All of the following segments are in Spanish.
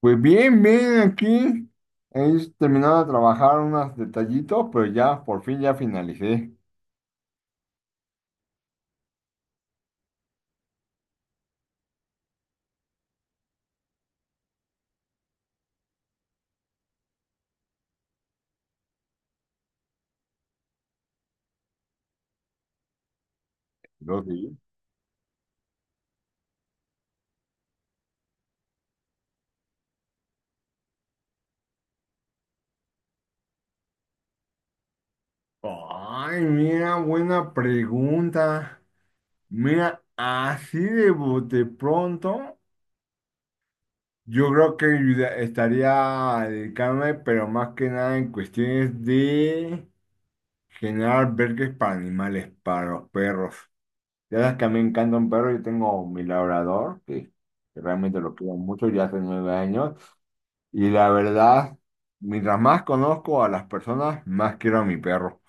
Pues bien, bien, aquí he terminado de trabajar unos detallitos, pero ya, por fin ya finalicé. 2 días. Ay, mira, buena pregunta. Mira, así de bote pronto, yo creo que estaría a dedicarme, pero más que nada en cuestiones de generar verques para animales, para los perros. Ya sabes que a mí me encanta un perro, yo tengo mi labrador, que realmente lo quiero mucho, ya hace 9 años. Y la verdad, mientras más conozco a las personas, más quiero a mi perro.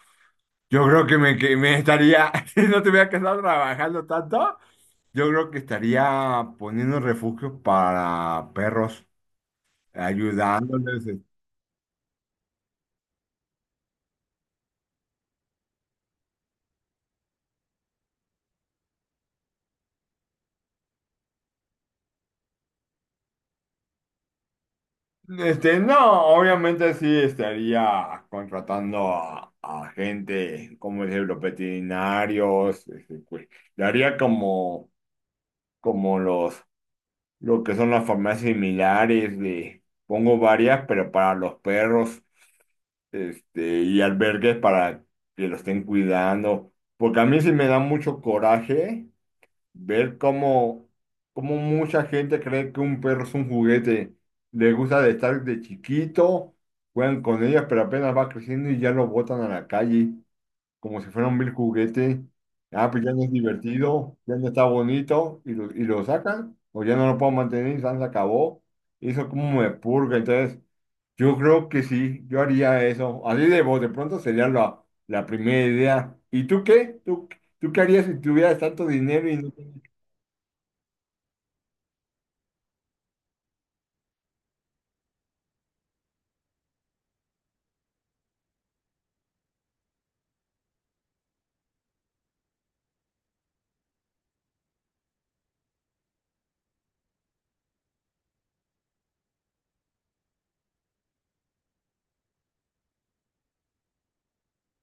Yo creo que me estaría, si no tuviera que estar trabajando tanto, yo creo que estaría poniendo refugios para perros, ayudándoles. No, obviamente sí estaría contratando a gente, como decirlo, veterinarios, pues, le haría como los lo que son las farmacias similares, de, pongo varias, pero para los perros, y albergues para que lo estén cuidando. Porque a mí sí me da mucho coraje ver cómo mucha gente cree que un perro es un juguete. Le gusta de estar de chiquito, juegan con ellos, pero apenas va creciendo y ya lo botan a la calle como si fuera un vil juguete. Ah, pues ya no es divertido, ya no está bonito, y lo sacan, o ya no lo puedo mantener, y ya se acabó. Eso como me purga, entonces yo creo que sí, yo haría eso. Así de vos, de pronto sería la primera idea. ¿Y tú qué? ¿Tú qué harías si tuvieras tanto dinero y no tienes-?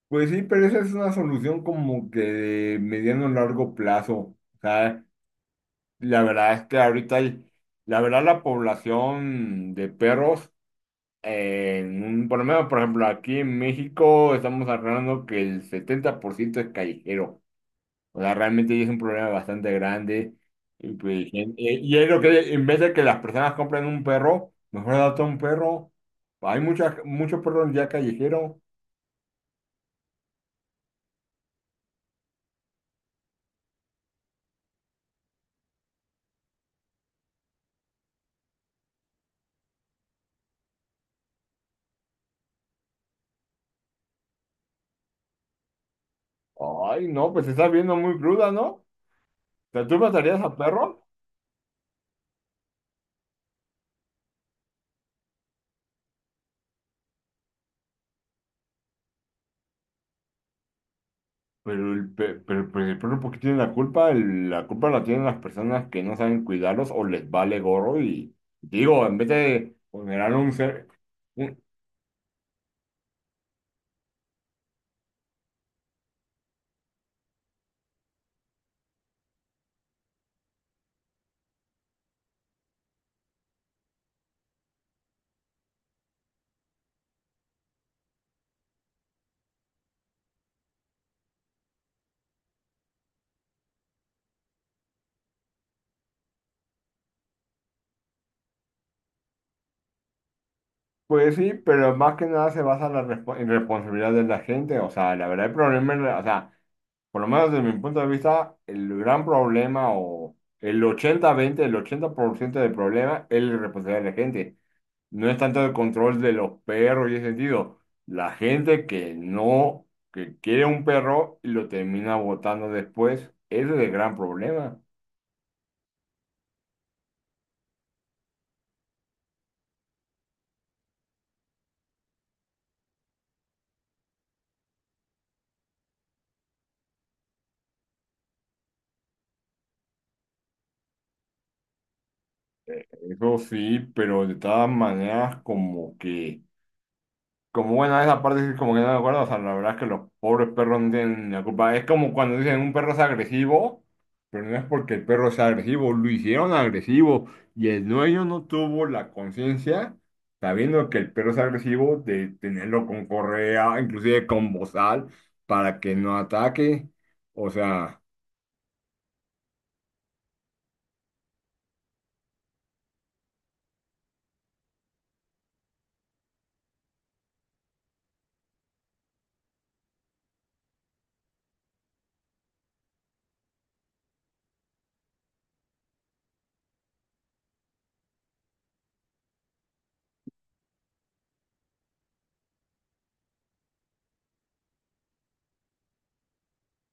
Pues sí, pero esa es una solución como que de mediano o largo plazo. O sea, la verdad es que ahorita hay, la verdad la población de perros. En un, por lo menos, por ejemplo, aquí en México estamos hablando que el 70% es callejero. O sea, realmente ya es un problema bastante grande. Y es lo que, en vez de que las personas compren un perro, mejor adopta un perro. Hay muchas, muchos perros ya callejeros. Ay, no, pues se está viendo muy cruda, ¿no? O sea, ¿tú matarías a perros? Pero el perro, ¿por qué tiene la culpa? La culpa la tienen las personas que no saben cuidarlos o les vale gorro y digo, en vez de poner un ser, un- pues sí, pero más que nada se basa en en responsabilidad de la gente. O sea, la verdad el problema, es la- o sea, por lo menos desde mi punto de vista, el gran problema o el 80-20 el 80% del problema es la responsabilidad de la gente. No es tanto el control de los perros y ese sentido. La gente que no, que quiere un perro y lo termina botando después, ese es el gran problema. Eso sí, pero de todas maneras como que... Como bueno, esa parte sí como que no me acuerdo, o sea, la verdad es que los pobres perros no tienen la culpa. Es como cuando dicen un perro es agresivo, pero no es porque el perro sea agresivo, lo hicieron agresivo y el dueño no tuvo la conciencia, sabiendo que el perro es agresivo, de tenerlo con correa, inclusive con bozal, para que no ataque. O sea,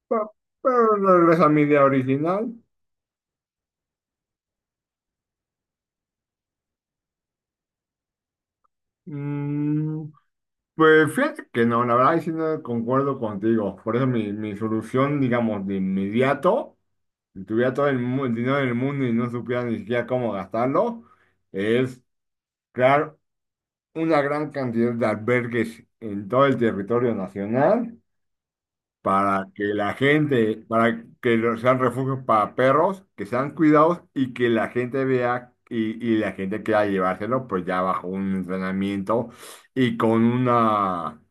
pe- pero regresa a mi idea original. Pues fíjate que no, la verdad, sí no concuerdo contigo. Por eso mi solución, digamos, de inmediato, si tuviera todo el dinero del mundo y no supiera ni siquiera cómo gastarlo, es crear una gran cantidad de albergues en todo el territorio nacional para que la gente, sean refugios para perros, que sean cuidados y que la gente vea y la gente quiera llevárselo, pues ya bajo un entrenamiento y con una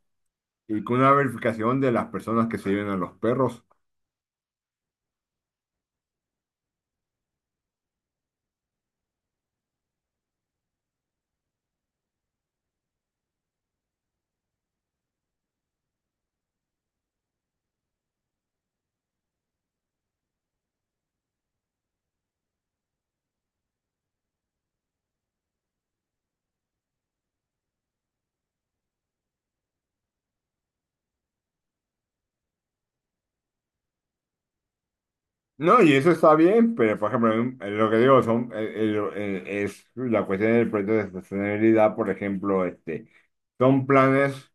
y con una verificación de las personas que se lleven a los perros. No, y eso está bien, pero por ejemplo, en lo que digo son, es la cuestión del proyecto de sostenibilidad, por ejemplo, este, son planes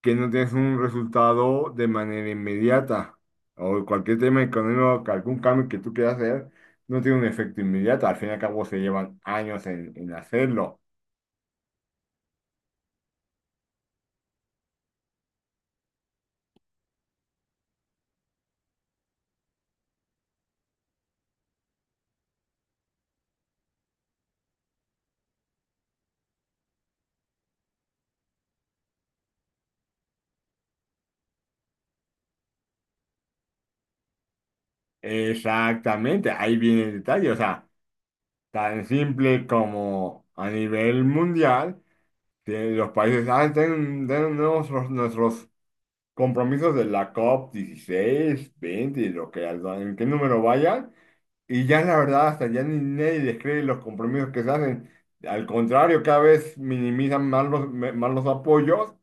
que no tienes un resultado de manera inmediata. O cualquier tema económico, que algún cambio que tú quieras hacer, no tiene un efecto inmediato. Al fin y al cabo se llevan años en hacerlo. Exactamente, ahí viene el detalle. O sea, tan simple como a nivel mundial. Los países, ah, tienen, tienen nuestros, nuestros compromisos de la COP 16 20 lo que, en qué número vayan. Y ya la verdad, hasta ya ni nadie les cree los compromisos que se hacen. Al contrario, cada vez minimizan más los, más los apoyos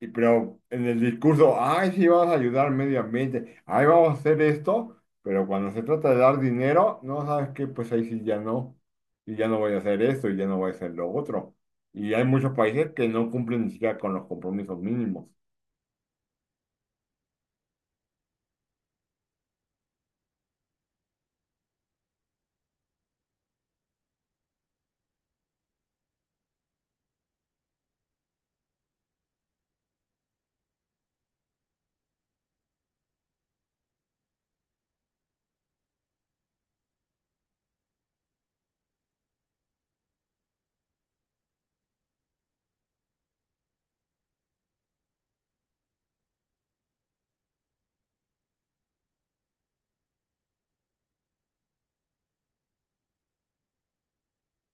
pero en el discurso, ay, sí, vamos a ayudar al medio ambiente, ay, vamos a hacer esto, pero cuando se trata de dar dinero, no sabes qué, pues ahí sí ya no, y ya no voy a hacer esto, y ya no voy a hacer lo otro. Y hay muchos países que no cumplen ni siquiera con los compromisos mínimos.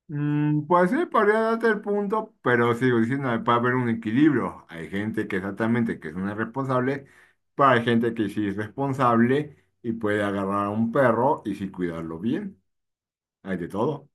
Mm, pues sí, podría darte el punto, pero sigo diciendo, puede haber un equilibrio. Hay gente que exactamente que es una responsable, pero hay gente que sí es responsable y puede agarrar a un perro y sí cuidarlo bien. Hay de todo.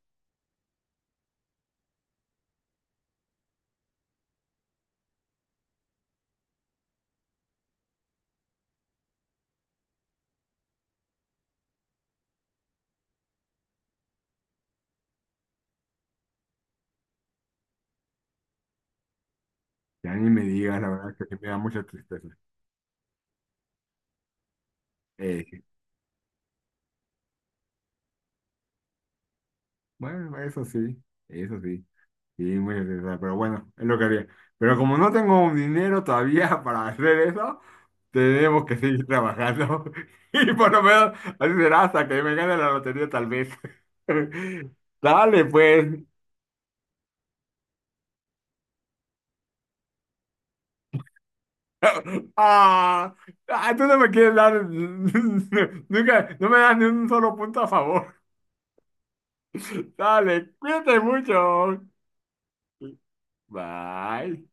Ya ni me digas, la verdad que sí me da mucha tristeza. Eh, bueno, eso sí, sí, mucha tristeza, pero bueno, es lo que haría. Pero como no tengo un dinero todavía para hacer eso, tenemos que seguir trabajando. Y por lo menos así será hasta que me gane la lotería tal vez. Dale, pues. Ah, ah, tú no me quieres dar, nunca, no me das ni un solo punto a favor. Dale, cuídate mucho. Bye.